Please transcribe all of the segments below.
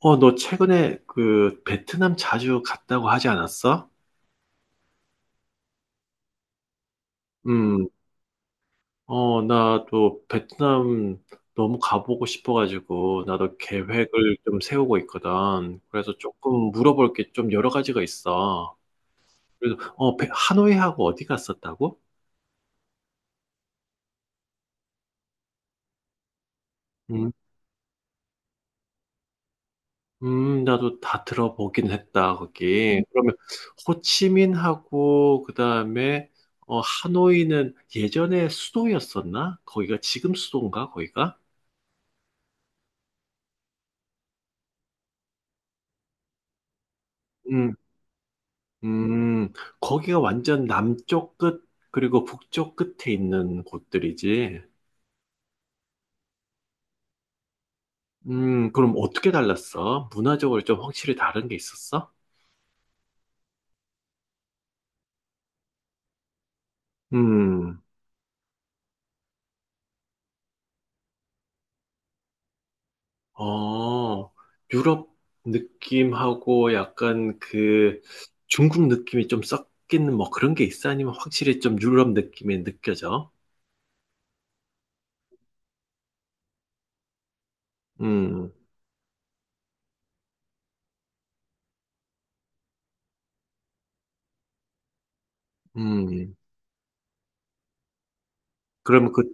너 최근에 그 베트남 자주 갔다고 하지 않았어? 음, 나도 베트남 너무 가보고 싶어가지고 나도 계획을 좀 세우고 있거든. 그래서 조금 물어볼 게 좀 여러 가지가 있어. 그래서 하노이하고 어디 갔었다고? 음, 나도 다 들어보긴 했다, 거기. 그러면 호치민하고 그다음에 하노이는 예전에 수도였었나? 거기가 지금 수도인가, 거기가? 음, 음, 거기가 완전 남쪽 끝, 그리고 북쪽 끝에 있는 곳들이지. 그럼 어떻게 달랐어? 문화적으로 좀 확실히 다른 게 있었어? 음, 어, 유럽 느낌하고 약간 그 중국 느낌이 좀 섞이는 뭐 그런 게 있어? 아니면 확실히 좀 유럽 느낌이 느껴져? 음, 음. 그러면 그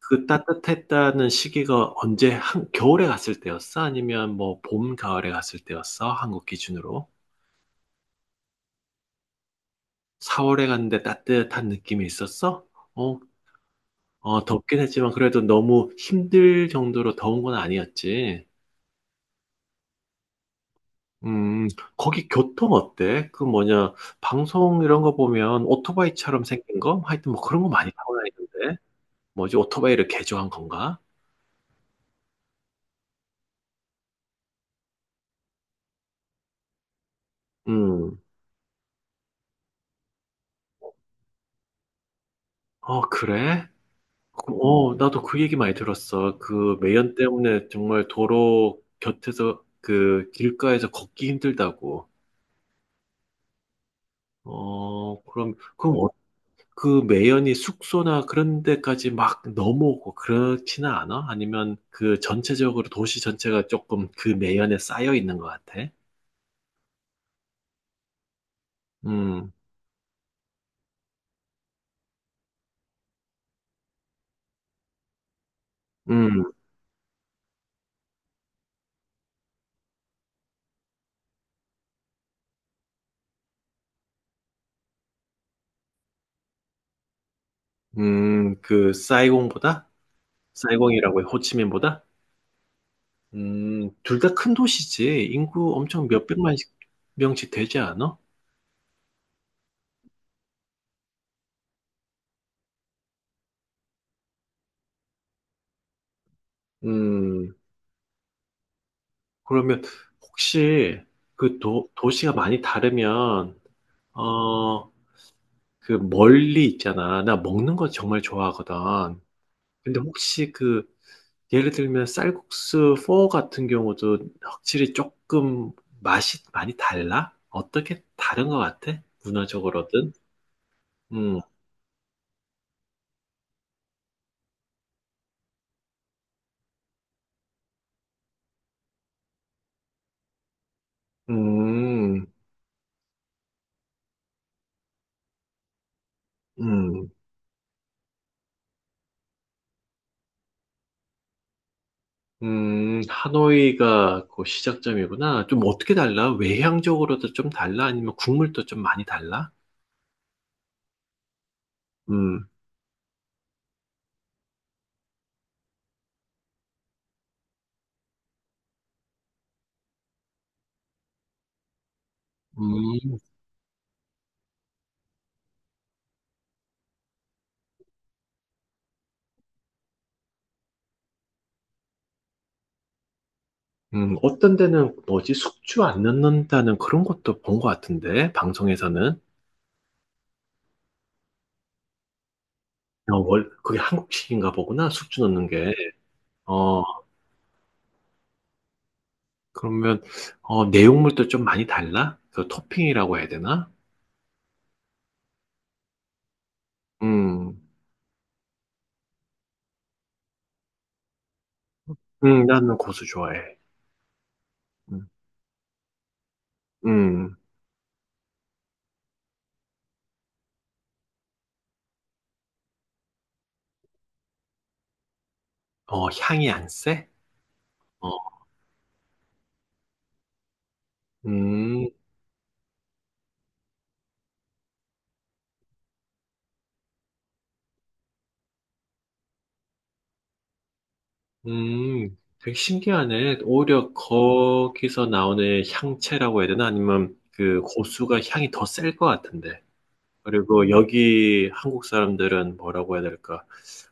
따뜻했다는 시기가 언제 한 겨울에 갔을 때였어? 아니면 뭐 봄, 가을에 갔을 때였어? 한국 기준으로? 4월에 갔는데 따뜻한 느낌이 있었어? 어, 어, 덥긴 했지만 그래도 너무 힘들 정도로 더운 건 아니었지. 음, 거기 교통 어때? 그 뭐냐, 방송 이런 거 보면 오토바이처럼 생긴 거? 하여튼 뭐 그런 거 많이 타고 다니던데. 뭐지, 오토바이를 개조한 건가? 음, 그래? 나도 그 얘기 많이 들었어. 그 매연 때문에 정말 도로 곁에서 그 길가에서 걷기 힘들다고. 어, 그럼, 그럼 어- 그 매연이 숙소나 그런 데까지 막 넘어오고 그렇지는 않아? 아니면 그 전체적으로 도시 전체가 조금 그 매연에 쌓여 있는 것 같아? 음, 음, 그 사이공보다? 사이공이라고 해, 호치민보다? 둘 다 큰 도시지. 인구 엄청 몇백만 명씩 되지 않아? 음, 그러면 혹시 그 도시가 많이 다르면, 어, 그 멀리 있잖아. 나 먹는 거 정말 좋아하거든. 근데 혹시 그, 예를 들면 쌀국수 4 같은 경우도 확실히 조금 맛이 많이 달라? 어떻게 다른 것 같아? 문화적으로든? 음, 음, 음. 하노이가 그 시작점이구나. 좀 어떻게 달라? 외향적으로도 좀 달라? 아니면 국물도 좀 많이 달라? 음, 음, 어떤 데는 뭐지 숙주 안 넣는다는 그런 것도 본 것 같은데 방송에서는. 그게 한국식인가 보구나, 숙주 넣는 게. 어 그러면 내용물도 좀 많이 달라? 그 토핑이라고 해야 되나? 음, 나는 고수 좋아해. 음, 음, 향이 안 세? 어, 음, 되게 신기하네. 오히려 거기서 나오는 향채라고 해야 되나? 아니면 그 고수가 향이 더 셀 것 같은데. 그리고 여기 한국 사람들은 뭐라고 해야 될까?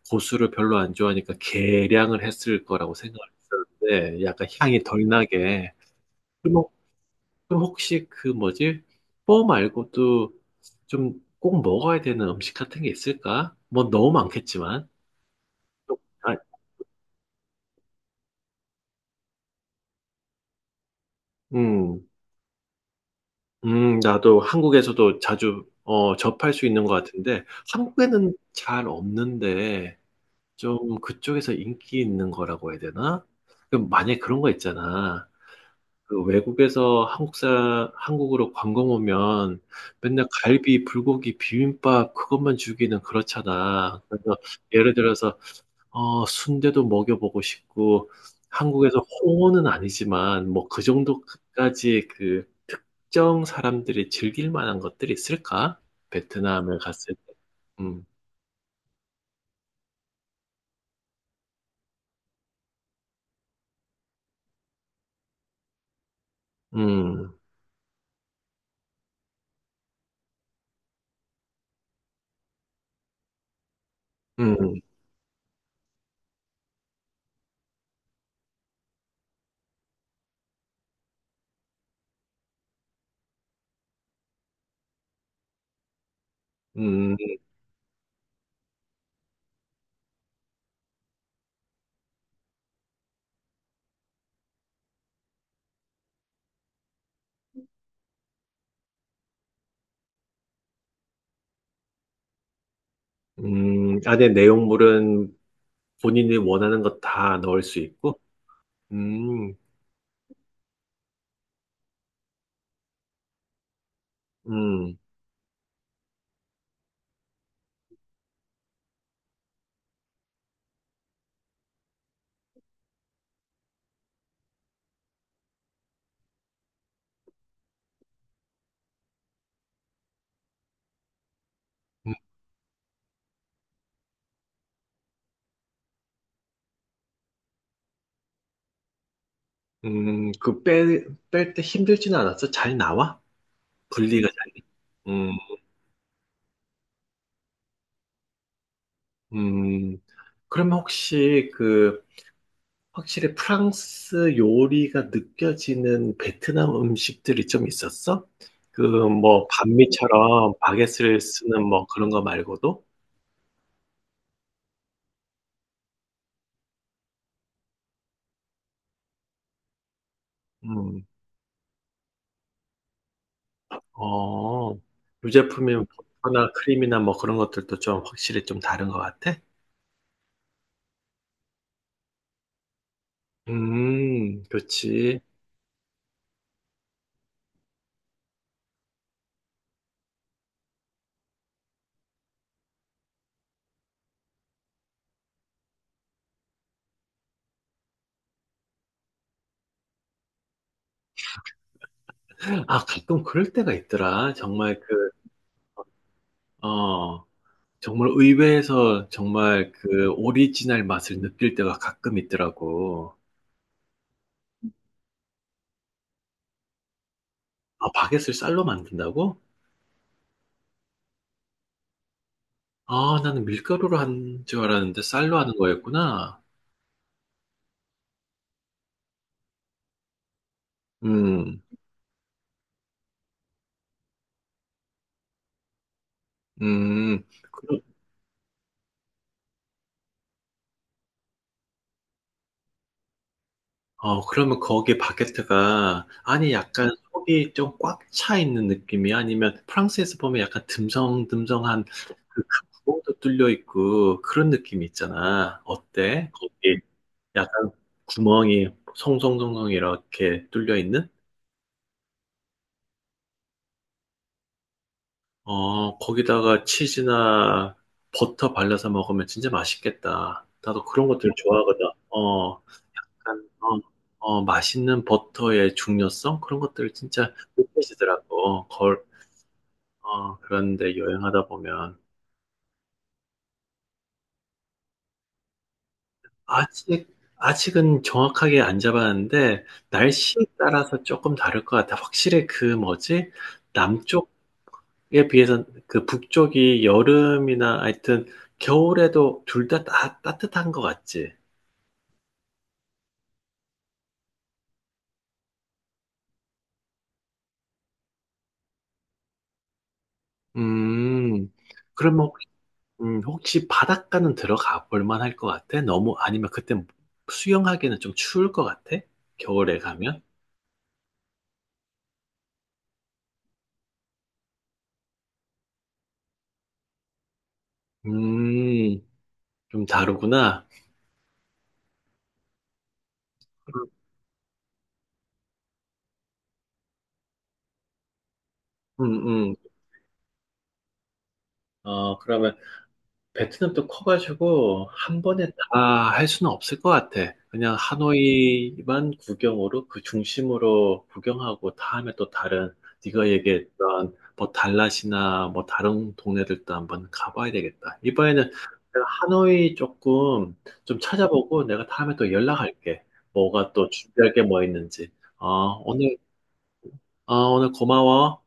고수를 별로 안 좋아하니까 계량을 했을 거라고 생각을 했었는데, 약간 향이 덜 나게. 그럼 혹- 그럼 혹시 그 뭐지? 뽀 말고도 좀 꼭 먹어야 되는 음식 같은 게 있을까? 뭐 너무 많겠지만. 또, 아, 음, 나도 한국에서도 자주 접할 수 있는 것 같은데, 한국에는 잘 없는데 좀 그쪽에서 인기 있는 거라고 해야 되나? 그럼 만약에 그런 거 있잖아. 그 외국에서 한국으로 관광 오면 맨날 갈비, 불고기, 비빔밥 그것만 주기는 그렇잖아. 그래서 예를 들어서, 순대도 먹여보고 싶고, 한국에서 홍어는 아니지만, 뭐 그 정도까지 그 특정 사람들이 즐길 만한 것들이 있을까? 베트남에 갔을 때. 음, 음, 음, 음. 안에 내용물은 본인이 원하는 것 다 넣을 수 있고, 음, 음, 음, 그 뺄 때 힘들지는 않았어? 잘 나와? 분리가 잘 돼? 음, 음. 그러면 혹시 그, 확실히 프랑스 요리가 느껴지는 베트남 음식들이 좀 있었어? 그, 뭐, 반미처럼 바게트를 쓰는 뭐 그런 거 말고도? 음. 어, 유제품이면 버터나 크림이나 뭐 그런 것들도 좀 확실히 좀 다른 것 같아? 그렇지. 아, 가끔 그럴 때가 있더라. 정말 그, 어, 정말 의외에서 정말 그 오리지널 맛을 느낄 때가 가끔 있더라고. 아, 바게트를 쌀로 만든다고? 아, 나는 밀가루로 한 줄 알았는데 쌀로 하는 거였구나. 음, 음. 그러면 거기에 바게트가, 아니, 약간 속이 좀 꽉 차 있는 느낌이 아니면 프랑스에서 보면 약간 듬성듬성한 그 구멍도 뚫려 있고 그런 느낌이 있잖아. 어때? 거기 약간 구멍이 송송송송 이렇게 뚫려 있는? 거기다가 치즈나 버터 발라서 먹으면 진짜 맛있겠다. 나도 그런 것들 좋아하거든. 어. 약간 맛있는 버터의 중요성 그런 것들을 진짜 느껴지더라고. 그런데 여행하다 보면 아직 아직은 정확하게 안 잡았는데 날씨에 따라서 조금 다를 것 같아. 확실히 그 뭐지? 남쪽에 비해서 그 북쪽이 여름이나 하여튼 겨울에도 둘 다 따뜻한 것 같지. 음. 그러면 혹시 바닷가는 들어가 볼 만할 것 같아? 너무, 아니면 그때 수영하기는 좀 추울 것 같아? 겨울에 가면? 음, 좀 다르구나. 음, 음. 그러면 베트남도 커가지고 한 번에 다 할 수는 없을 것 같아. 그냥 하노이만 구경으로 그 중심으로 구경하고, 다음에 또 다른 네가 얘기했던 뭐 달랏이나 뭐 다른 동네들도 한번 가봐야 되겠다. 이번에는 내가 하노이 조금 좀 찾아보고 내가 다음에 또 연락할게. 뭐가 또 준비할 게 뭐 있는지. 어, 오늘, 오늘 고마워.